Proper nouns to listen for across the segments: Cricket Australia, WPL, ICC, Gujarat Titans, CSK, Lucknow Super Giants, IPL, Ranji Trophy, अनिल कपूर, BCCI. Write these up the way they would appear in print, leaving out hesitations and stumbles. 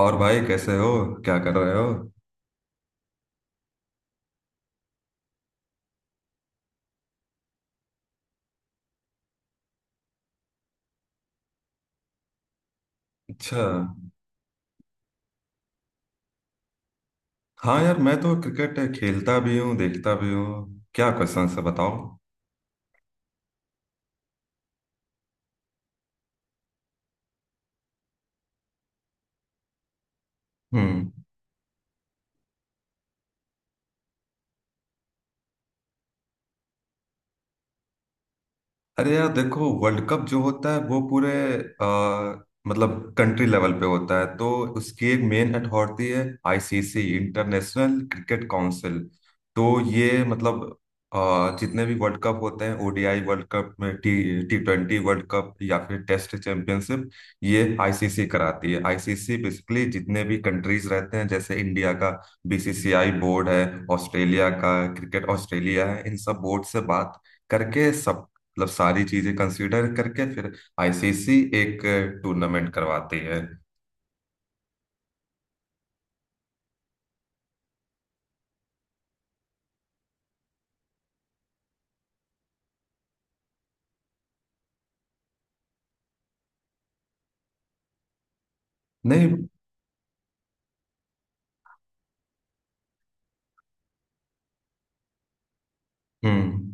और भाई कैसे हो? क्या कर रहे हो? अच्छा। हाँ यार, मैं तो क्रिकेट खेलता भी हूँ, देखता भी हूँ। क्या क्वेश्चन है, बताओ। हम्म। अरे यार, देखो वर्ल्ड कप जो होता है वो पूरे मतलब कंट्री लेवल पे होता है। तो उसकी एक मेन अथॉरिटी है, आईसीसी, इंटरनेशनल क्रिकेट काउंसिल। तो ये मतलब जितने भी वर्ल्ड कप होते हैं, ओडीआई वर्ल्ड कप में T T twenty world cup या फिर टेस्ट चैंपियनशिप, ये आईसीसी कराती है। आईसीसी बेसिकली जितने भी कंट्रीज रहते हैं, जैसे इंडिया का बीसीसीआई बोर्ड है, ऑस्ट्रेलिया का क्रिकेट ऑस्ट्रेलिया है, इन सब बोर्ड से बात करके मतलब सारी चीजें कंसीडर करके फिर आईसीसी एक टूर्नामेंट करवाती है। नहीं। हम्म।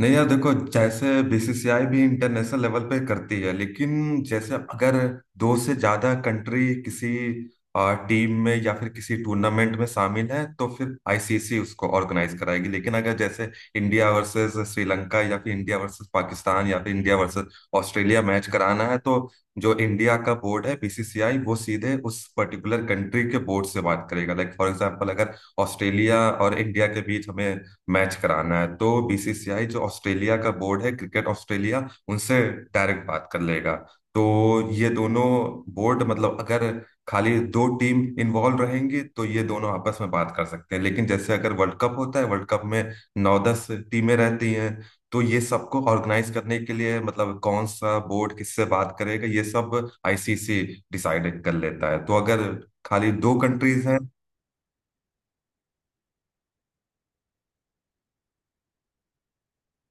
नहीं यार देखो, जैसे बीसीसीआई भी इंटरनेशनल लेवल पे करती है, लेकिन जैसे अगर दो से ज्यादा कंट्री किसी टीम में या फिर किसी टूर्नामेंट में शामिल है तो फिर आईसीसी उसको ऑर्गेनाइज कराएगी। लेकिन अगर जैसे इंडिया वर्सेस श्रीलंका या फिर इंडिया वर्सेस पाकिस्तान या फिर इंडिया वर्सेस ऑस्ट्रेलिया मैच कराना है, तो जो इंडिया का बोर्ड है बीसीसीआई, वो सीधे उस पर्टिकुलर कंट्री के बोर्ड से बात करेगा। लाइक फॉर एग्जाम्पल, अगर ऑस्ट्रेलिया और इंडिया के बीच हमें मैच कराना है तो बीसीसीआई जो ऑस्ट्रेलिया का बोर्ड है क्रिकेट ऑस्ट्रेलिया, उनसे डायरेक्ट बात कर लेगा। तो ये दोनों बोर्ड मतलब अगर खाली दो टीम इन्वॉल्व रहेंगी तो ये दोनों आपस में बात कर सकते हैं। लेकिन जैसे अगर वर्ल्ड कप होता है, वर्ल्ड कप में नौ दस टीमें रहती हैं, तो ये सबको ऑर्गेनाइज करने के लिए मतलब कौन सा बोर्ड किससे बात करेगा ये सब आईसीसी डिसाइड कर लेता है। तो अगर खाली दो कंट्रीज हैं।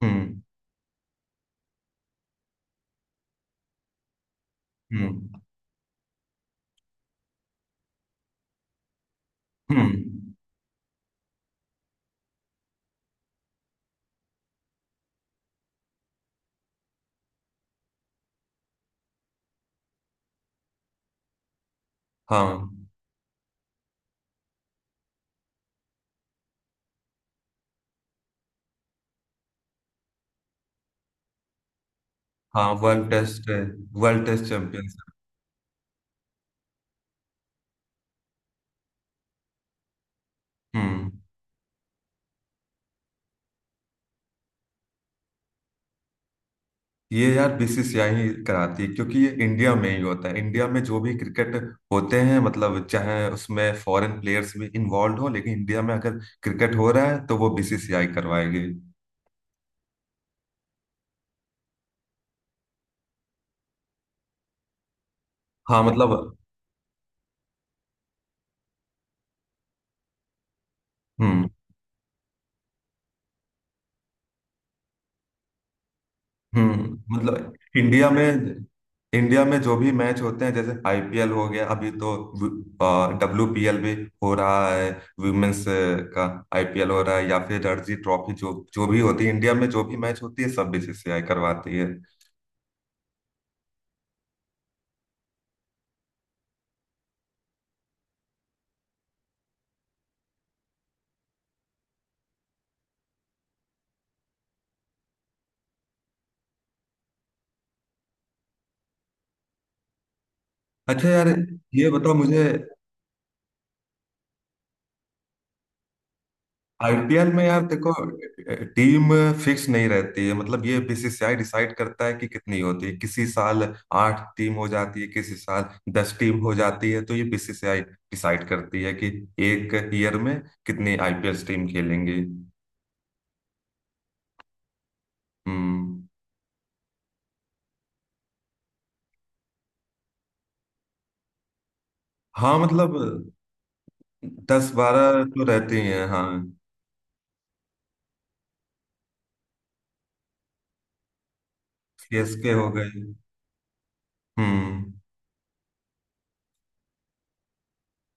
हम्म। हम्म। हम्म। हाँ, हाँ। World test championship. हम्म। ये यार बीसीसीआई ही कराती है, क्योंकि ये इंडिया में ही होता है। इंडिया में जो भी क्रिकेट होते हैं, मतलब चाहे उसमें फॉरेन प्लेयर्स भी इन्वॉल्व हो लेकिन इंडिया में अगर क्रिकेट हो रहा है तो वो बीसीसीआई करवाएगी। हाँ मतलब। हम्म। हम्म। मतलब इंडिया में जो भी मैच होते हैं जैसे आईपीएल हो गया, अभी तो डब्ल्यूपीएल भी हो रहा है, वुमेन्स का आईपीएल हो रहा है, या फिर रणजी ट्रॉफी, जो जो भी होती है इंडिया में, जो भी मैच होती है सब बीसीसीआई करवाती है। अच्छा यार, ये बताओ मुझे। आईपीएल में यार देखो, टीम फिक्स नहीं रहती है, मतलब ये बीसीसीआई डिसाइड करता है कि कितनी होती है। किसी साल आठ टीम हो जाती है, किसी साल दस टीम हो जाती है। तो ये बीसीसीआई डिसाइड करती है कि एक ईयर में कितनी आईपीएल टीम खेलेंगी। हम्म। हाँ मतलब दस बारह तो रहती हैं, हाँ। सीएसके हो गई। हम्म।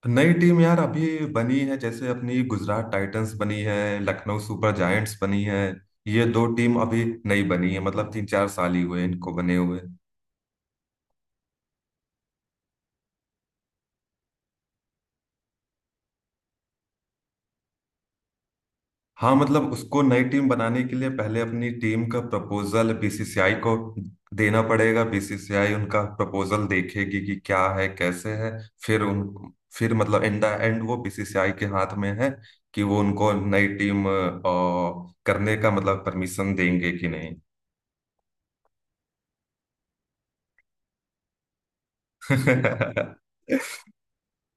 नई टीम यार अभी बनी है, जैसे अपनी गुजरात टाइटंस बनी है, लखनऊ सुपर जायंट्स बनी है। ये दो टीम अभी नई बनी है, मतलब 3-4 साल ही हुए इनको बने हुए। हाँ मतलब उसको नई टीम बनाने के लिए पहले अपनी टीम का प्रपोजल बीसीसीआई को देना पड़ेगा, बीसीसीआई उनका प्रपोजल देखेगी कि क्या है कैसे है। फिर उन फिर मतलब एंड एंड वो बीसीसीआई के हाथ में है कि वो उनको नई टीम करने का मतलब परमिशन देंगे कि नहीं।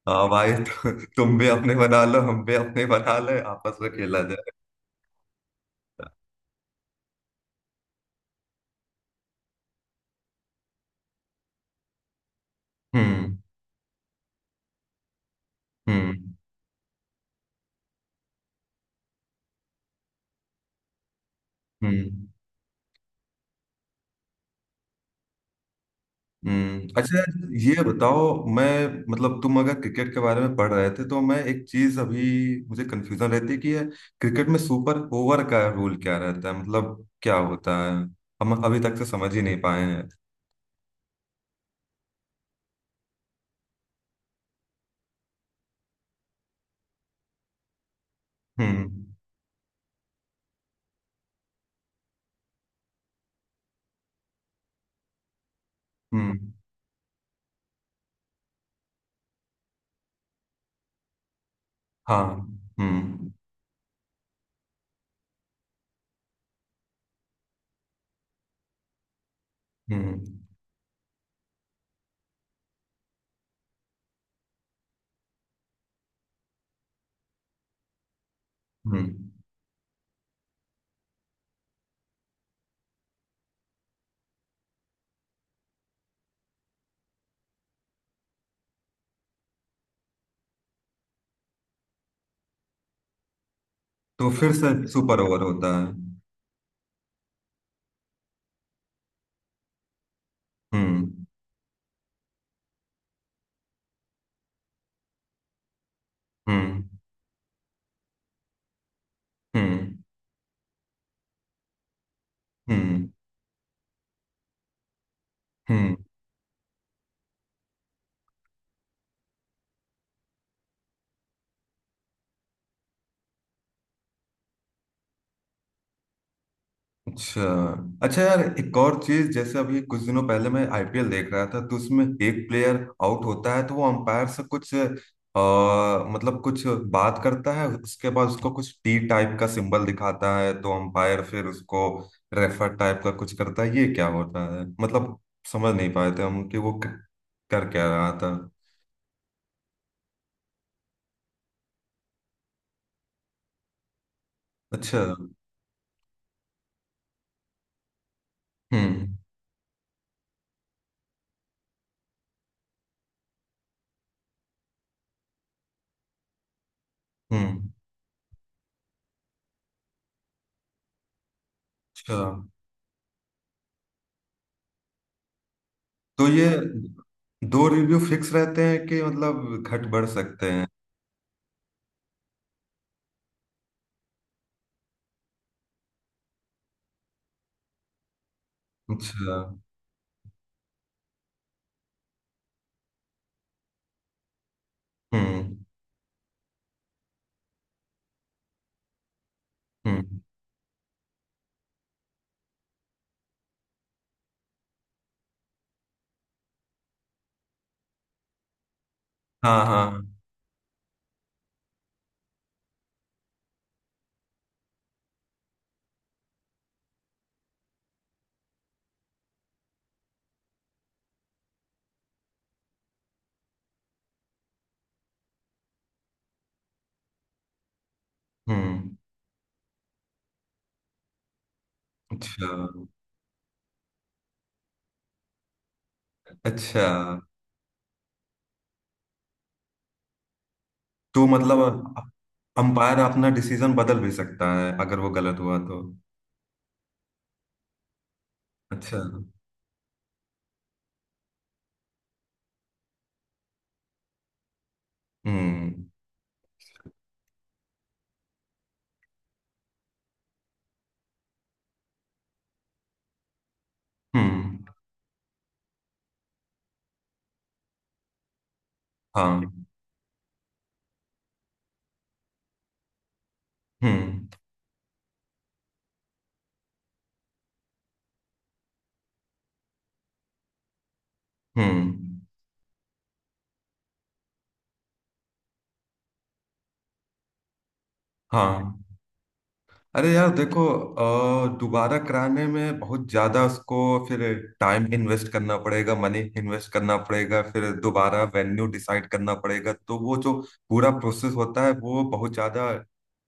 हाँ भाई। तुम भी अपने बना लो, हम भी अपने बना ले, आपस में खेला जाएगा। हम्म। हम्म। हम्म। हम्म। अच्छा ये बताओ, मैं मतलब तुम अगर क्रिकेट के बारे में पढ़ रहे थे तो मैं एक चीज अभी, मुझे कंफ्यूजन रहती है कि ये क्रिकेट में सुपर ओवर का रूल क्या रहता है, मतलब क्या होता है, हम अभी तक तो समझ ही नहीं पाए हैं। हम्म। हम्म। हाँ। हम्म। हम्म। हम्म। तो फिर से सुपर ओवर होता है? हम्म। हम्म। हम्म। हम्म। हम्म। अच्छा। अच्छा यार, एक और चीज, जैसे अभी कुछ दिनों पहले मैं आईपीएल देख रहा था तो उसमें एक प्लेयर आउट होता है तो वो अंपायर से कुछ मतलब कुछ बात करता है, उसके बाद उसको कुछ टी टाइप का सिंबल दिखाता है, तो अंपायर फिर उसको रेफर टाइप का कुछ करता है। ये क्या होता है, मतलब समझ नहीं पाए थे हम कि वो कर क्या रहा था। अच्छा। हम्म। हम्म। अच्छा, तो ये दो रिव्यू फिक्स रहते हैं कि मतलब घट बढ़ सकते हैं? अच्छा। हम्म। हम्म। हाँ, हाँ। हम्म। अच्छा। अच्छा तो मतलब अंपायर अपना डिसीजन बदल भी सकता है अगर वो गलत हुआ तो। अच्छा। हम्म। हम्म। हाँ। हम्म। हम्म। हाँ। अरे यार देखो, दोबारा कराने में बहुत ज्यादा उसको फिर टाइम इन्वेस्ट करना पड़ेगा, मनी इन्वेस्ट करना पड़ेगा, फिर दोबारा वेन्यू डिसाइड करना पड़ेगा, तो वो जो पूरा प्रोसेस होता है वो बहुत ज्यादा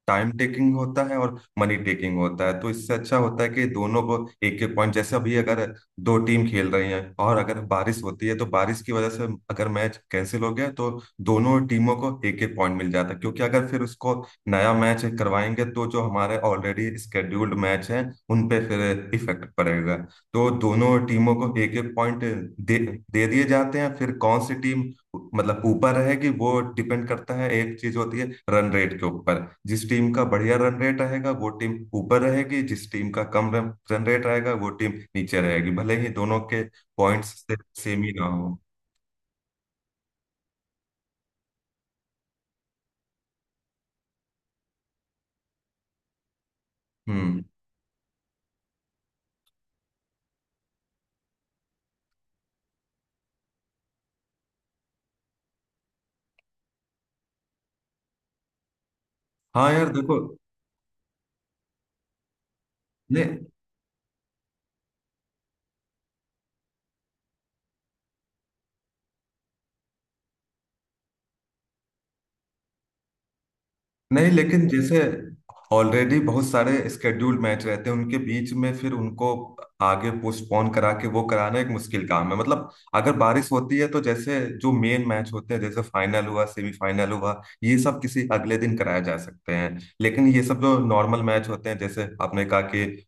टाइम टेकिंग होता है और मनी टेकिंग होता है। तो इससे अच्छा होता है कि दोनों को एक एक पॉइंट, जैसे अभी अगर दो टीम खेल रही हैं और अगर बारिश होती है तो बारिश की वजह से अगर मैच कैंसिल हो गया तो दोनों टीमों को एक एक पॉइंट मिल जाता है, क्योंकि अगर फिर उसको नया मैच करवाएंगे तो जो हमारे ऑलरेडी स्केड्यूल्ड मैच हैं उन पे फिर इफेक्ट पड़ेगा। तो दोनों टीमों को एक एक पॉइंट दे दे दिए जाते हैं। फिर कौन सी टीम मतलब ऊपर रहेगी वो डिपेंड करता है, एक चीज होती है रन रेट के ऊपर, जिस टीम का बढ़िया रन रेट रहेगा वो टीम ऊपर रहेगी, जिस टीम का कम रन रेट रहेगा वो टीम नीचे रहेगी, भले ही दोनों के पॉइंट्स से सेम ही ना हो। हम्म। हाँ यार देखो। नहीं, नहीं, लेकिन जैसे ऑलरेडी बहुत सारे स्केड्यूल मैच रहते हैं उनके बीच में, फिर उनको आगे पोस्टपोन करा के वो कराना एक मुश्किल काम है। मतलब अगर बारिश होती है तो जैसे जो मेन मैच होते हैं जैसे फाइनल हुआ, सेमीफाइनल हुआ, ये सब किसी अगले दिन कराए जा सकते हैं, लेकिन ये सब जो नॉर्मल मैच होते हैं, जैसे आपने कहा कि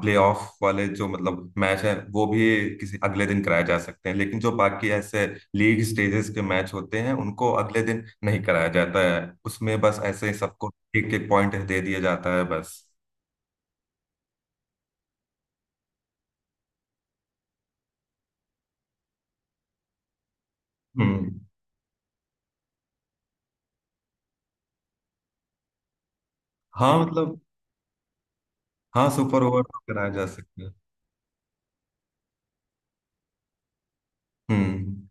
प्ले ऑफ वाले जो मतलब मैच है वो भी किसी अगले दिन कराए जा सकते हैं, लेकिन जो बाकी ऐसे लीग स्टेजेस के मैच होते हैं उनको अगले दिन नहीं कराया जाता है। उसमें बस ऐसे ही सबको एक एक पॉइंट दे दिया जाता है बस। हम्म। हाँ मतलब हाँ, सुपर ओवर तो कराया जा सकता है। हम्म।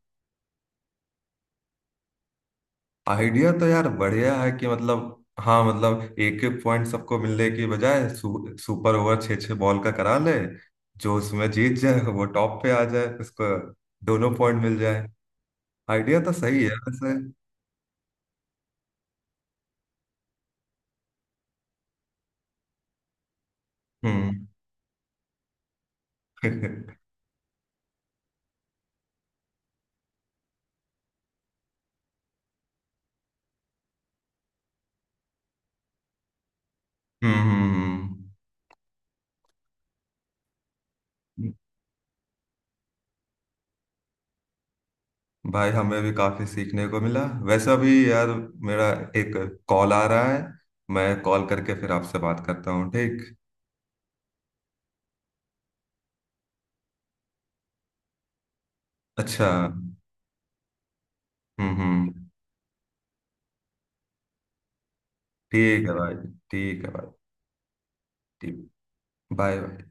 आइडिया तो यार बढ़िया है कि मतलब, हाँ मतलब एक एक पॉइंट सबको मिलने की बजाय सुपर ओवर छः छः बॉल का करा ले, जो उसमें जीत जाए वो टॉप पे आ जाए, उसको दोनों पॉइंट मिल जाए। आइडिया तो सही है वैसे। हम्म। हम्म। हम्म। हम्म। भाई हमें भी काफी सीखने को मिला। वैसा भी यार मेरा एक कॉल आ रहा है, मैं कॉल करके फिर आपसे बात करता हूँ, ठीक? अच्छा। हम्म। हम्म। ठीक है भाई। ठीक है भाई। ठीक। Bye bye.